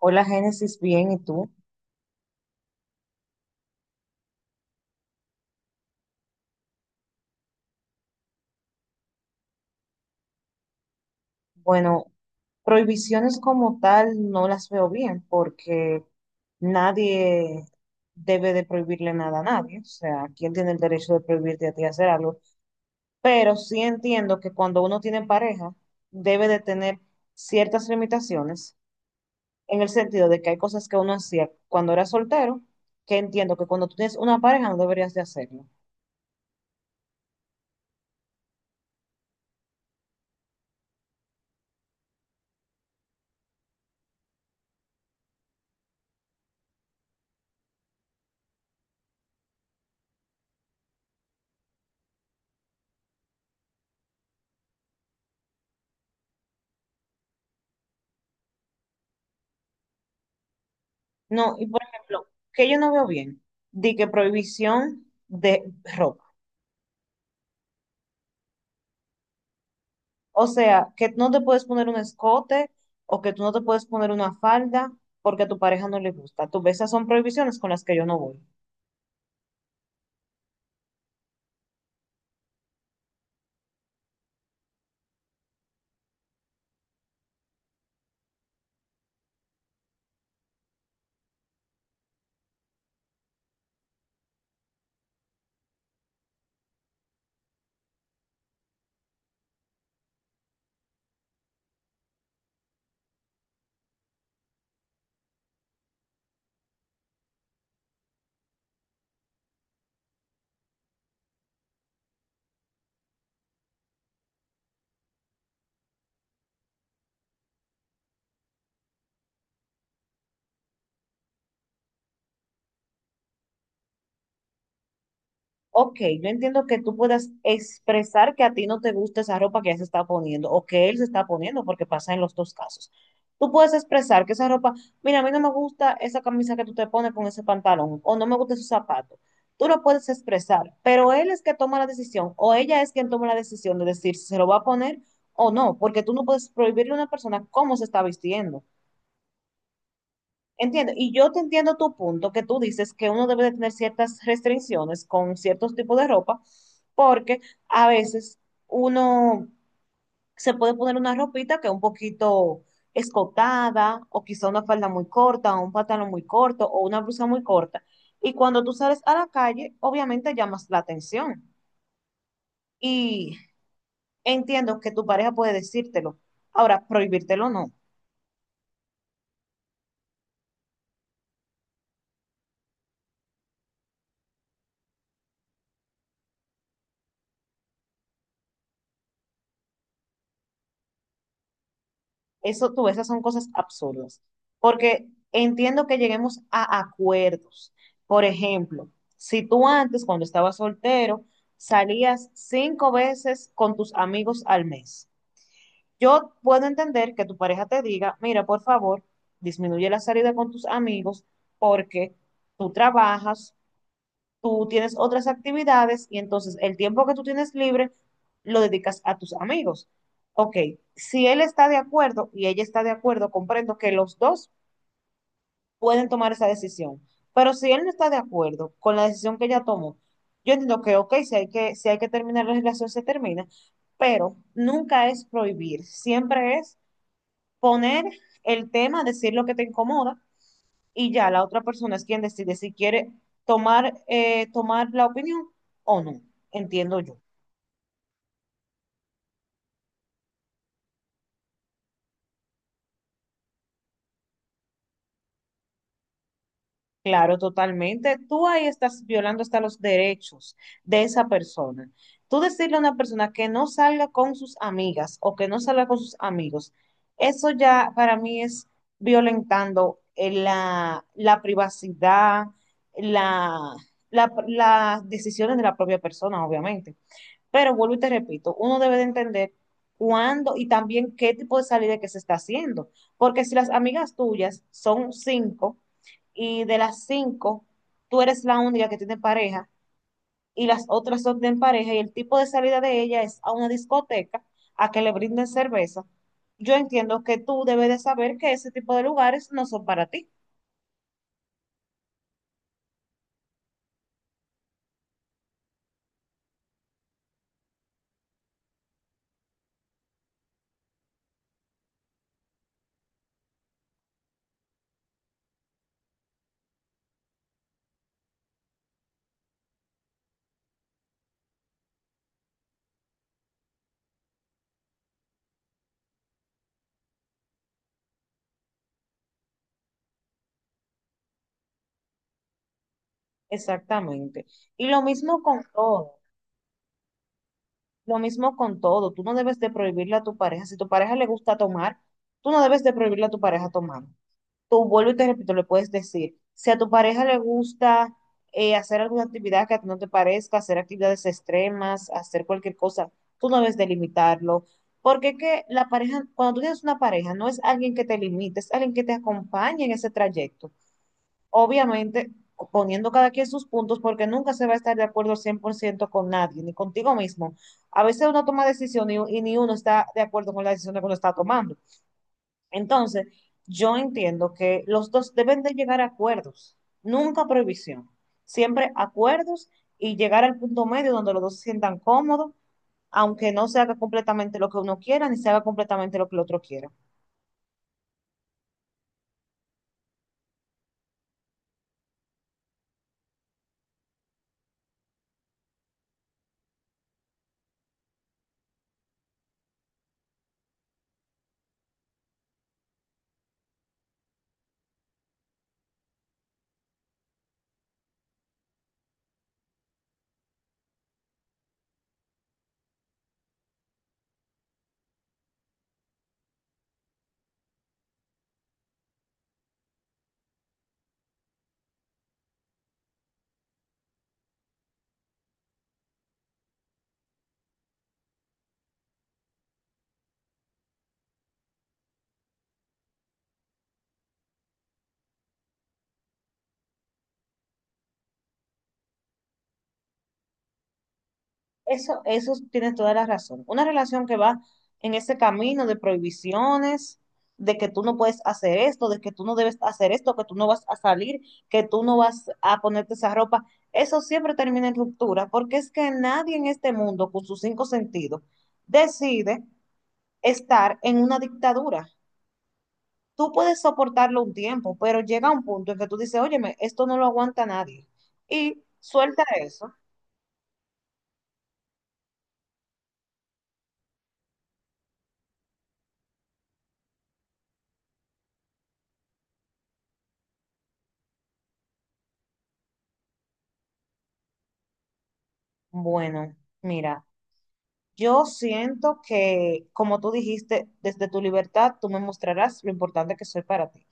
Hola Génesis, bien, ¿y tú? Bueno, prohibiciones como tal no las veo bien porque nadie debe de prohibirle nada a nadie. O sea, ¿quién tiene el derecho de prohibirte a ti hacer algo? Pero sí entiendo que cuando uno tiene pareja debe de tener ciertas limitaciones en el sentido de que hay cosas que uno hacía cuando era soltero que entiendo que cuando tú tienes una pareja no deberías de hacerlo. No, y por ejemplo, que yo no veo bien, di que prohibición de ropa. O sea, que no te puedes poner un escote o que tú no te puedes poner una falda porque a tu pareja no le gusta. Tú ves, esas son prohibiciones con las que yo no voy. Ok, yo entiendo que tú puedas expresar que a ti no te gusta esa ropa que ella se está poniendo o que él se está poniendo, porque pasa en los dos casos. Tú puedes expresar que esa ropa, mira, a mí no me gusta esa camisa que tú te pones con ese pantalón o no me gusta esos zapatos. Tú lo puedes expresar, pero él es que toma la decisión o ella es quien toma la decisión de decir si se lo va a poner o no, porque tú no puedes prohibirle a una persona cómo se está vistiendo. Entiendo, y yo te entiendo tu punto, que tú dices que uno debe de tener ciertas restricciones con ciertos tipos de ropa, porque a veces uno se puede poner una ropita que es un poquito escotada, o quizá una falda muy corta, o un pantalón muy corto, o una blusa muy corta. Y cuando tú sales a la calle, obviamente llamas la atención. Y entiendo que tu pareja puede decírtelo. Ahora, prohibírtelo no. Eso tú, ves, esas son cosas absurdas. Porque entiendo que lleguemos a acuerdos. Por ejemplo, si tú antes, cuando estabas soltero, salías 5 veces con tus amigos al mes, yo puedo entender que tu pareja te diga, mira, por favor, disminuye la salida con tus amigos porque tú trabajas, tú tienes otras actividades y entonces el tiempo que tú tienes libre lo dedicas a tus amigos. Ok, si él está de acuerdo y ella está de acuerdo, comprendo que los dos pueden tomar esa decisión. Pero si él no está de acuerdo con la decisión que ella tomó, yo entiendo que, ok, si hay que, si hay que terminar la relación, se termina, pero nunca es prohibir, siempre es poner el tema, decir lo que te incomoda y ya la otra persona es quien decide si quiere tomar la opinión o no, entiendo yo. Claro, totalmente. Tú ahí estás violando hasta los derechos de esa persona. Tú decirle a una persona que no salga con sus amigas o que no salga con sus amigos, eso ya para mí es violentando la, privacidad, la, las decisiones de la propia persona, obviamente. Pero vuelvo y te repito, uno debe de entender cuándo y también qué tipo de salida que se está haciendo. Porque si las amigas tuyas son cinco y de las cinco tú eres la única que tiene pareja y las otras son de en pareja y el tipo de salida de ella es a una discoteca a que le brinden cerveza, yo entiendo que tú debes de saber que ese tipo de lugares no son para ti. Exactamente. Y lo mismo con todo. Lo mismo con todo, tú no debes de prohibirle a tu pareja. Si tu pareja le gusta tomar, tú no debes de prohibirle a tu pareja tomar. Tú vuelvo y te repito, le puedes decir, si a tu pareja le gusta hacer alguna actividad que a ti no te parezca, hacer actividades extremas, hacer cualquier cosa, tú no debes de limitarlo. Porque es que la pareja, cuando tú tienes una pareja, no es alguien que te limite, es alguien que te acompañe en ese trayecto obviamente poniendo cada quien sus puntos, porque nunca se va a estar de acuerdo al 100% con nadie, ni contigo mismo. A veces uno toma decisiones y ni uno está de acuerdo con la decisión que uno está tomando. Entonces, yo entiendo que los dos deben de llegar a acuerdos, nunca prohibición, siempre acuerdos y llegar al punto medio donde los dos se sientan cómodos aunque no se haga completamente lo que uno quiera, ni se haga completamente lo que el otro quiera. Eso tienes toda la razón. Una relación que va en ese camino de prohibiciones, de que tú no puedes hacer esto, de que tú no debes hacer esto, que tú no vas a salir, que tú no vas a ponerte esa ropa, eso siempre termina en ruptura, porque es que nadie en este mundo, con sus cinco sentidos, decide estar en una dictadura. Tú puedes soportarlo un tiempo, pero llega un punto en que tú dices, óyeme, esto no lo aguanta nadie. Y suelta eso. Bueno, mira, yo siento que, como tú dijiste, desde tu libertad tú me mostrarás lo importante que soy para ti.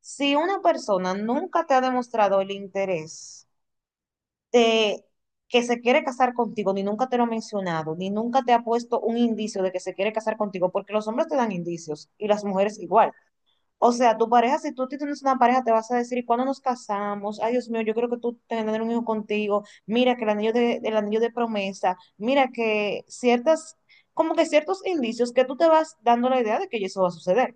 Si una persona nunca te ha demostrado el interés de que se quiere casar contigo, ni nunca te lo ha mencionado, ni nunca te ha puesto un indicio de que se quiere casar contigo, porque los hombres te dan indicios y las mujeres igual. O sea, tu pareja, si tú tienes una pareja, te vas a decir, ¿cuándo nos casamos? Ay, Dios mío, yo creo que tú tienes que tener un hijo contigo. Mira que el anillo de promesa. Mira que ciertas, como que ciertos indicios que tú te vas dando la idea de que eso va a suceder.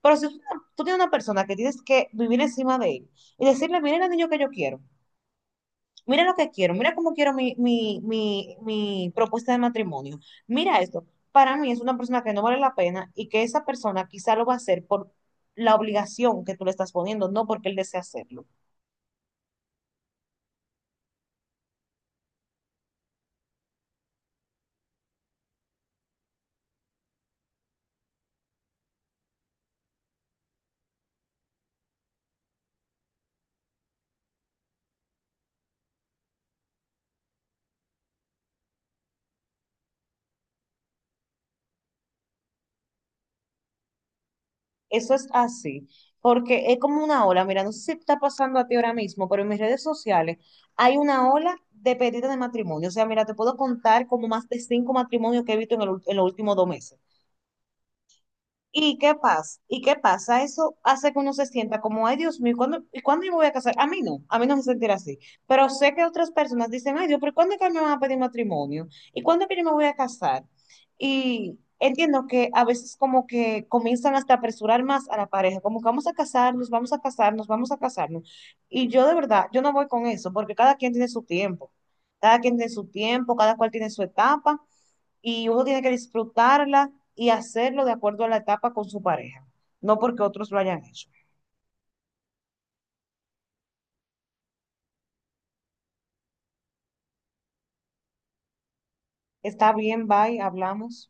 Pero si tú tienes una persona que tienes que vivir encima de él y decirle, mira el anillo que yo quiero. Mira lo que quiero, mira cómo quiero mi propuesta de matrimonio. Mira esto, para mí es una persona que no vale la pena y que esa persona quizá lo va a hacer por la obligación que tú le estás poniendo, no porque él desea hacerlo. Eso es así, porque es como una ola, mira, no sé si está pasando a ti ahora mismo, pero en mis redes sociales hay una ola de pedidos de matrimonio. O sea, mira, te puedo contar como más de cinco matrimonios que he visto en los últimos 2 meses. ¿Y qué pasa? ¿Y qué pasa? Eso hace que uno se sienta como, ay, Dios mío, ¿y cuándo yo me voy a casar? A mí no me sentirá así. Pero sé que otras personas dicen, ay, Dios, pero ¿cuándo es que me van a pedir matrimonio? ¿Y cuándo es que yo me voy a casar? Y entiendo que a veces como que comienzan hasta a apresurar más a la pareja, como que vamos a casarnos, vamos a casarnos, vamos a casarnos. Y yo de verdad, yo no voy con eso, porque cada quien tiene su tiempo, cada quien tiene su tiempo, cada cual tiene su etapa y uno tiene que disfrutarla y hacerlo de acuerdo a la etapa con su pareja, no porque otros lo hayan hecho. Está bien, bye, hablamos.